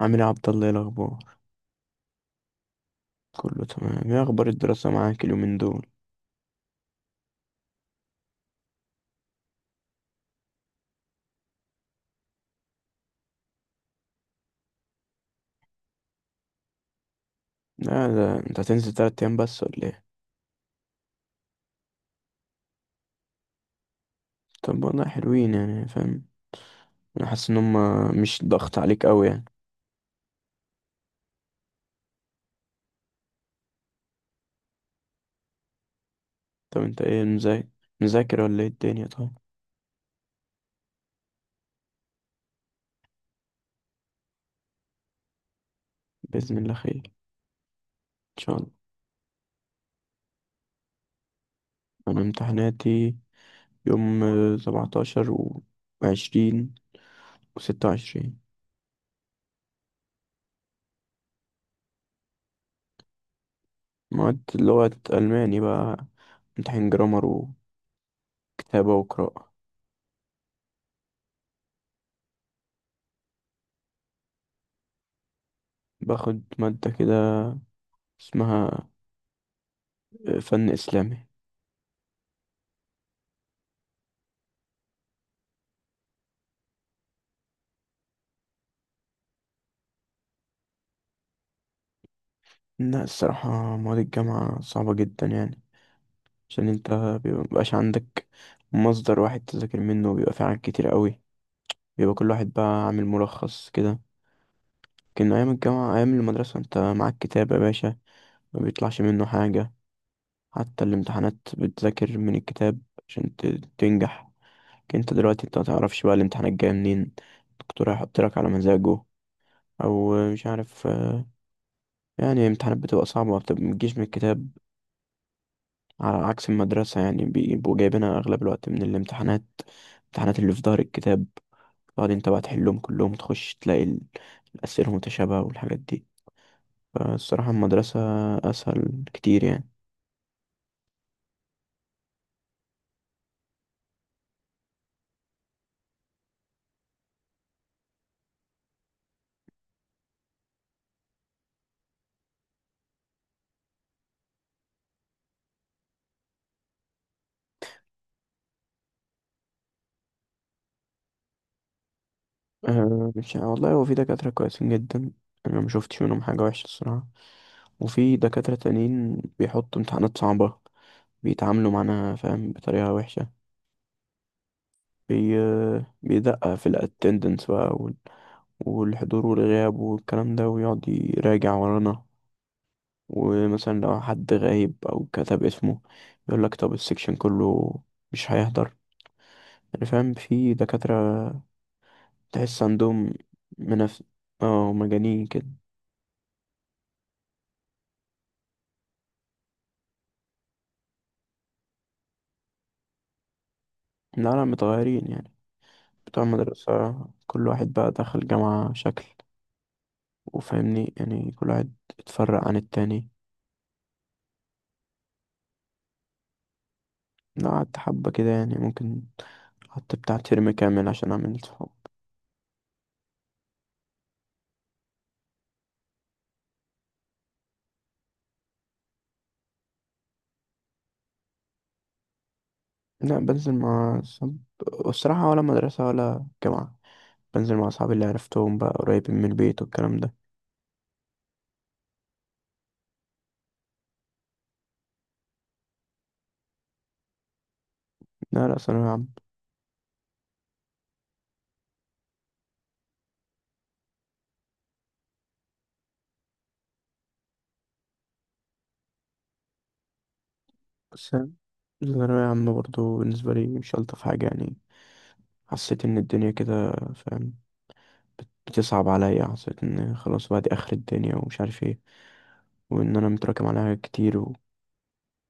عامل ايه يا عبد الله؟ ايه الاخبار؟ كله تمام. ايه اخبار الدراسه معاك اليومين دول؟ لا، ده انت هتنزل تلات ايام بس ولا ايه؟ طب والله حلوين يعني فاهم. انا حاسس ان هما مش ضغط عليك قوي يعني. طب انت ايه مذاكر؟ مذاكر ولا ايه الدنيا؟ طيب، باذن الله خير ان شاء الله. انا امتحاناتي يوم 17 و20 و26. مواد لغه الماني بقى، امتحان جرامر وكتابه وقراءه. باخد ماده كده اسمها فن اسلامي. لا، الصراحة مواد الجامعة صعبة جدا يعني. عشان انت مبيبقاش عندك مصدر واحد تذاكر منه، وبيبقى في حاجات كتير قوي. بيبقى كل واحد بقى عامل ملخص كده. لكن أيام الجامعة، أيام المدرسة انت معاك كتاب يا باشا، ما بيطلعش منه حاجة. حتى الامتحانات بتذاكر من الكتاب عشان تنجح. لكن انت دلوقتي انت متعرفش بقى الامتحان الجاي منين. الدكتور هيحط لك على مزاجه، أو مش عارف. يعني الامتحانات بتبقى صعبة، ما بتجيش من الكتاب، على عكس المدرسة. يعني بيبقوا جايبينها أغلب الوقت من الامتحانات، الامتحانات اللي في ظهر الكتاب. بعدين تبقى تحلهم كلهم، تخش تلاقي الأسئلة متشابهة والحاجات دي. فالصراحة المدرسة أسهل كتير يعني. أه، مش والله، هو في دكاترة كويسين جدا، أنا ما شفتش منهم حاجة وحشة الصراحة. وفي دكاترة تانيين بيحطوا امتحانات صعبة، بيتعاملوا معانا فاهم بطريقة وحشة. بي... بيدقق في الاتندنس بقى، والحضور والغياب والكلام ده، ويقعد يراجع ورانا. ومثلا لو حد غايب أو كتب اسمه، يقولك طب السكشن كله مش هيحضر. يعني فاهم في دكاترة تحس عندهم، منف اه مجانين كده. لا لا، متغيرين يعني، بتوع المدرسة. كل واحد بقى دخل جامعة شكل، وفاهمني يعني كل واحد اتفرق عن التاني. لا، قعدت حبة كده يعني، ممكن قعدت بتاع ترم كامل عشان أعمل صحاب. لا، بنزل مع صحاب، والصراحة ولا مدرسة ولا جامعة. بنزل مع أصحابي اللي عرفتهم بقى قريبين من البيت والكلام ده. لا لا، ثانوية عامة. بس ثانوية عامة برضه بالنسبة لي مش ألطف حاجة يعني. حسيت إن الدنيا كده فاهم بتصعب عليا. حسيت إن خلاص بقى، دي آخر الدنيا ومش عارف إيه، وإن أنا متراكم على حاجات كتير،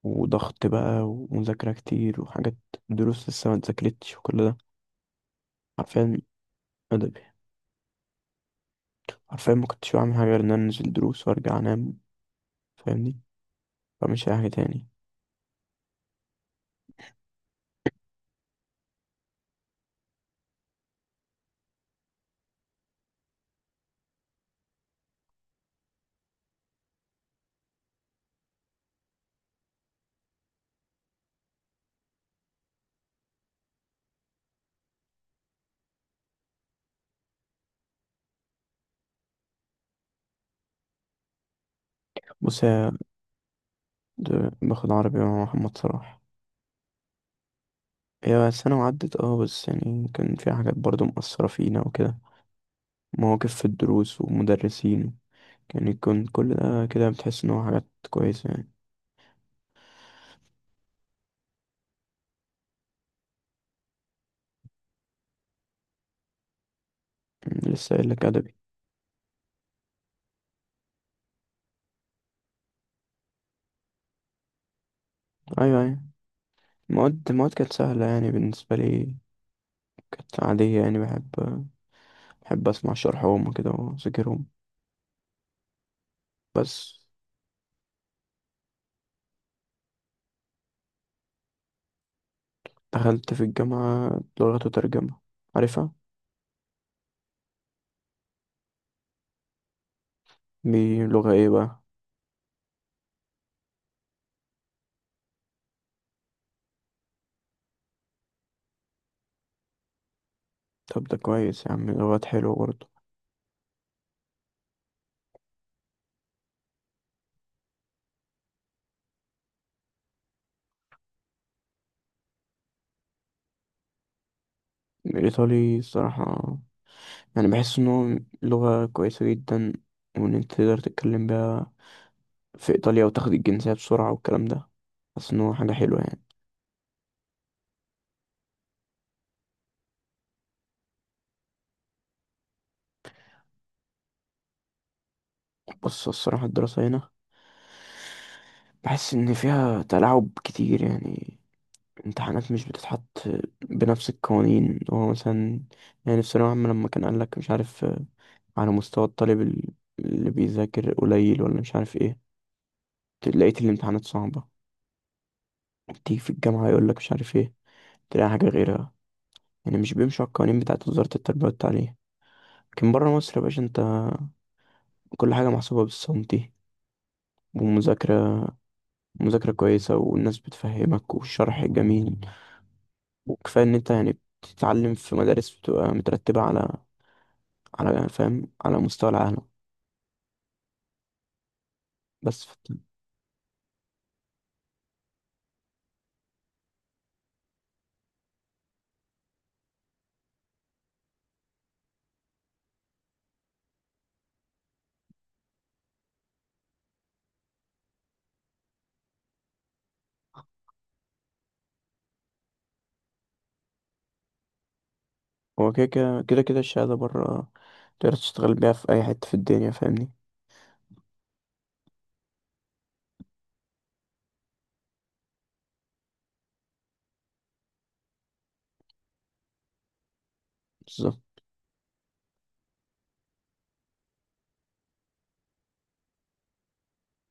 وضغط بقى ومذاكرة كتير وحاجات، دروس لسه ما اتذاكرتش وكل ده. حرفيا أدبي. حرفيا ما كنتش بعمل حاجة غير إن أنا أنزل دروس وأرجع أنام، فاهمني، مش أي حاجة تاني. بص يا باخد عربي مع محمد صلاح. هي سنة وعدت بس يعني كان في حاجات برضو مؤثرة فينا وكده، مواقف في الدروس ومدرسين. يعني يكون كل ده كده بتحس إن هو حاجات كويسة يعني. لسه قايل لك أدبي. أيوة أيوة، المواد المواد كانت سهلة يعني بالنسبة لي، كانت عادية يعني. بحب، بحب أسمع شرحهم كده وأذاكرهم. بس دخلت في الجامعة لغة وترجمة، عارفها؟ دي لغة ايه بقى؟ طب ده كويس يا عم، لغات حلوة برضه. الإيطالي الصراحة يعني بحس إن هو لغة كويسة جدا، وإن أنت تقدر تتكلم بيها في إيطاليا وتاخد الجنسية بسرعة والكلام ده. بحس إن هو حاجة حلوة يعني. بس الصراحة الدراسة هنا بحس إن فيها تلاعب كتير يعني. امتحانات مش بتتحط بنفس القوانين. هو مثلا يعني في ثانوية عامة لما كان قالك مش عارف، على مستوى الطالب اللي بيذاكر قليل ولا مش عارف ايه، لقيت الامتحانات صعبة. تيجي في الجامعة يقولك مش عارف ايه، تلاقي حاجة غيرها. يعني مش بيمشوا على القوانين بتاعت وزارة التربية والتعليم. لكن بره مصر يا باشا انت كل حاجة محسوبة بالسنتي، ومذاكرة، مذاكرة كويسة، والناس بتفهمك والشرح جميل. وكفاية ان انت يعني بتتعلم في مدارس بتبقى مترتبة على فاهم على مستوى العالم. بس فت- هو كده كده كده كده الشهادة بره تقدر تشتغل بيها في أي حتة في الدنيا فاهمني. بالظبط.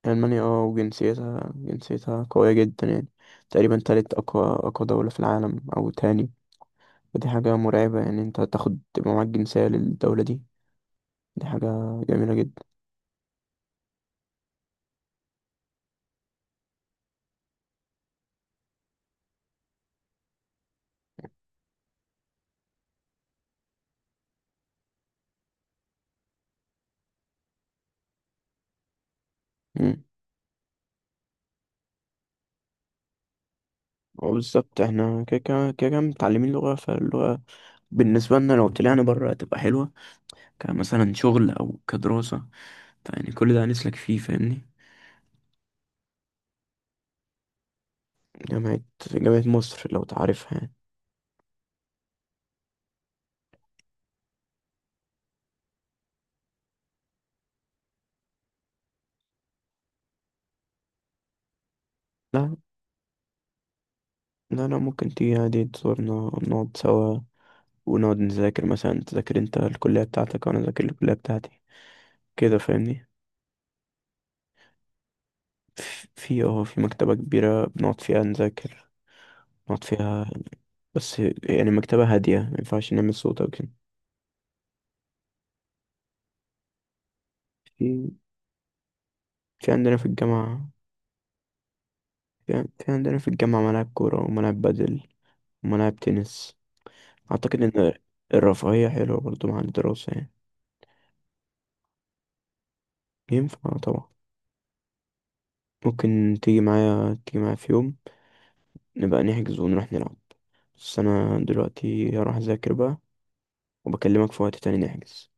ألمانيا وجنسيتها، جنسيتها قوية جدا يعني. تقريبا تالت أقوى، أقوى دولة في العالم أو تاني. دي حاجة مرعبة يعني، انت هتاخد تبقى معاك جنسية للدولة دي، دي حاجة جميلة جدا. مم. وبالظبط احنا كده كده كده كده متعلمين لغة، فاللغة بالنسبة لنا لو طلعنا بره هتبقى حلوة، كمثلا شغل أو كدراسة. فيعني كل ده هنسلك فيه فاهمني. جامعة، جامعة مصر لو تعرفها يعني. لا لا لا، ممكن تيجي عادي تزورنا، نقعد سوا، ونقعد نذاكر مثلا، تذاكر انت الكلية بتاعتك وأنا أذاكر الكلية بتاعتي، كده فاهمني. اه، في مكتبة كبيرة بنقعد فيها نذاكر، نقعد فيها. بس يعني مكتبة هادية، ما ينفعش نعمل صوت أو كده. في، عندنا في الجامعة. في عندنا في الجامعة ملاعب كورة وملاعب بدل وملاعب تنس. أعتقد إن الرفاهية حلوة برضو مع الدراسة يعني. ينفع طبعا، ممكن تيجي معايا، تيجي معايا في يوم نبقى نحجز ونروح نلعب. بس أنا دلوقتي هروح أذاكر بقى، وبكلمك في وقت تاني نحجز.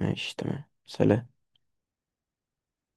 ماشي تمام، سلام.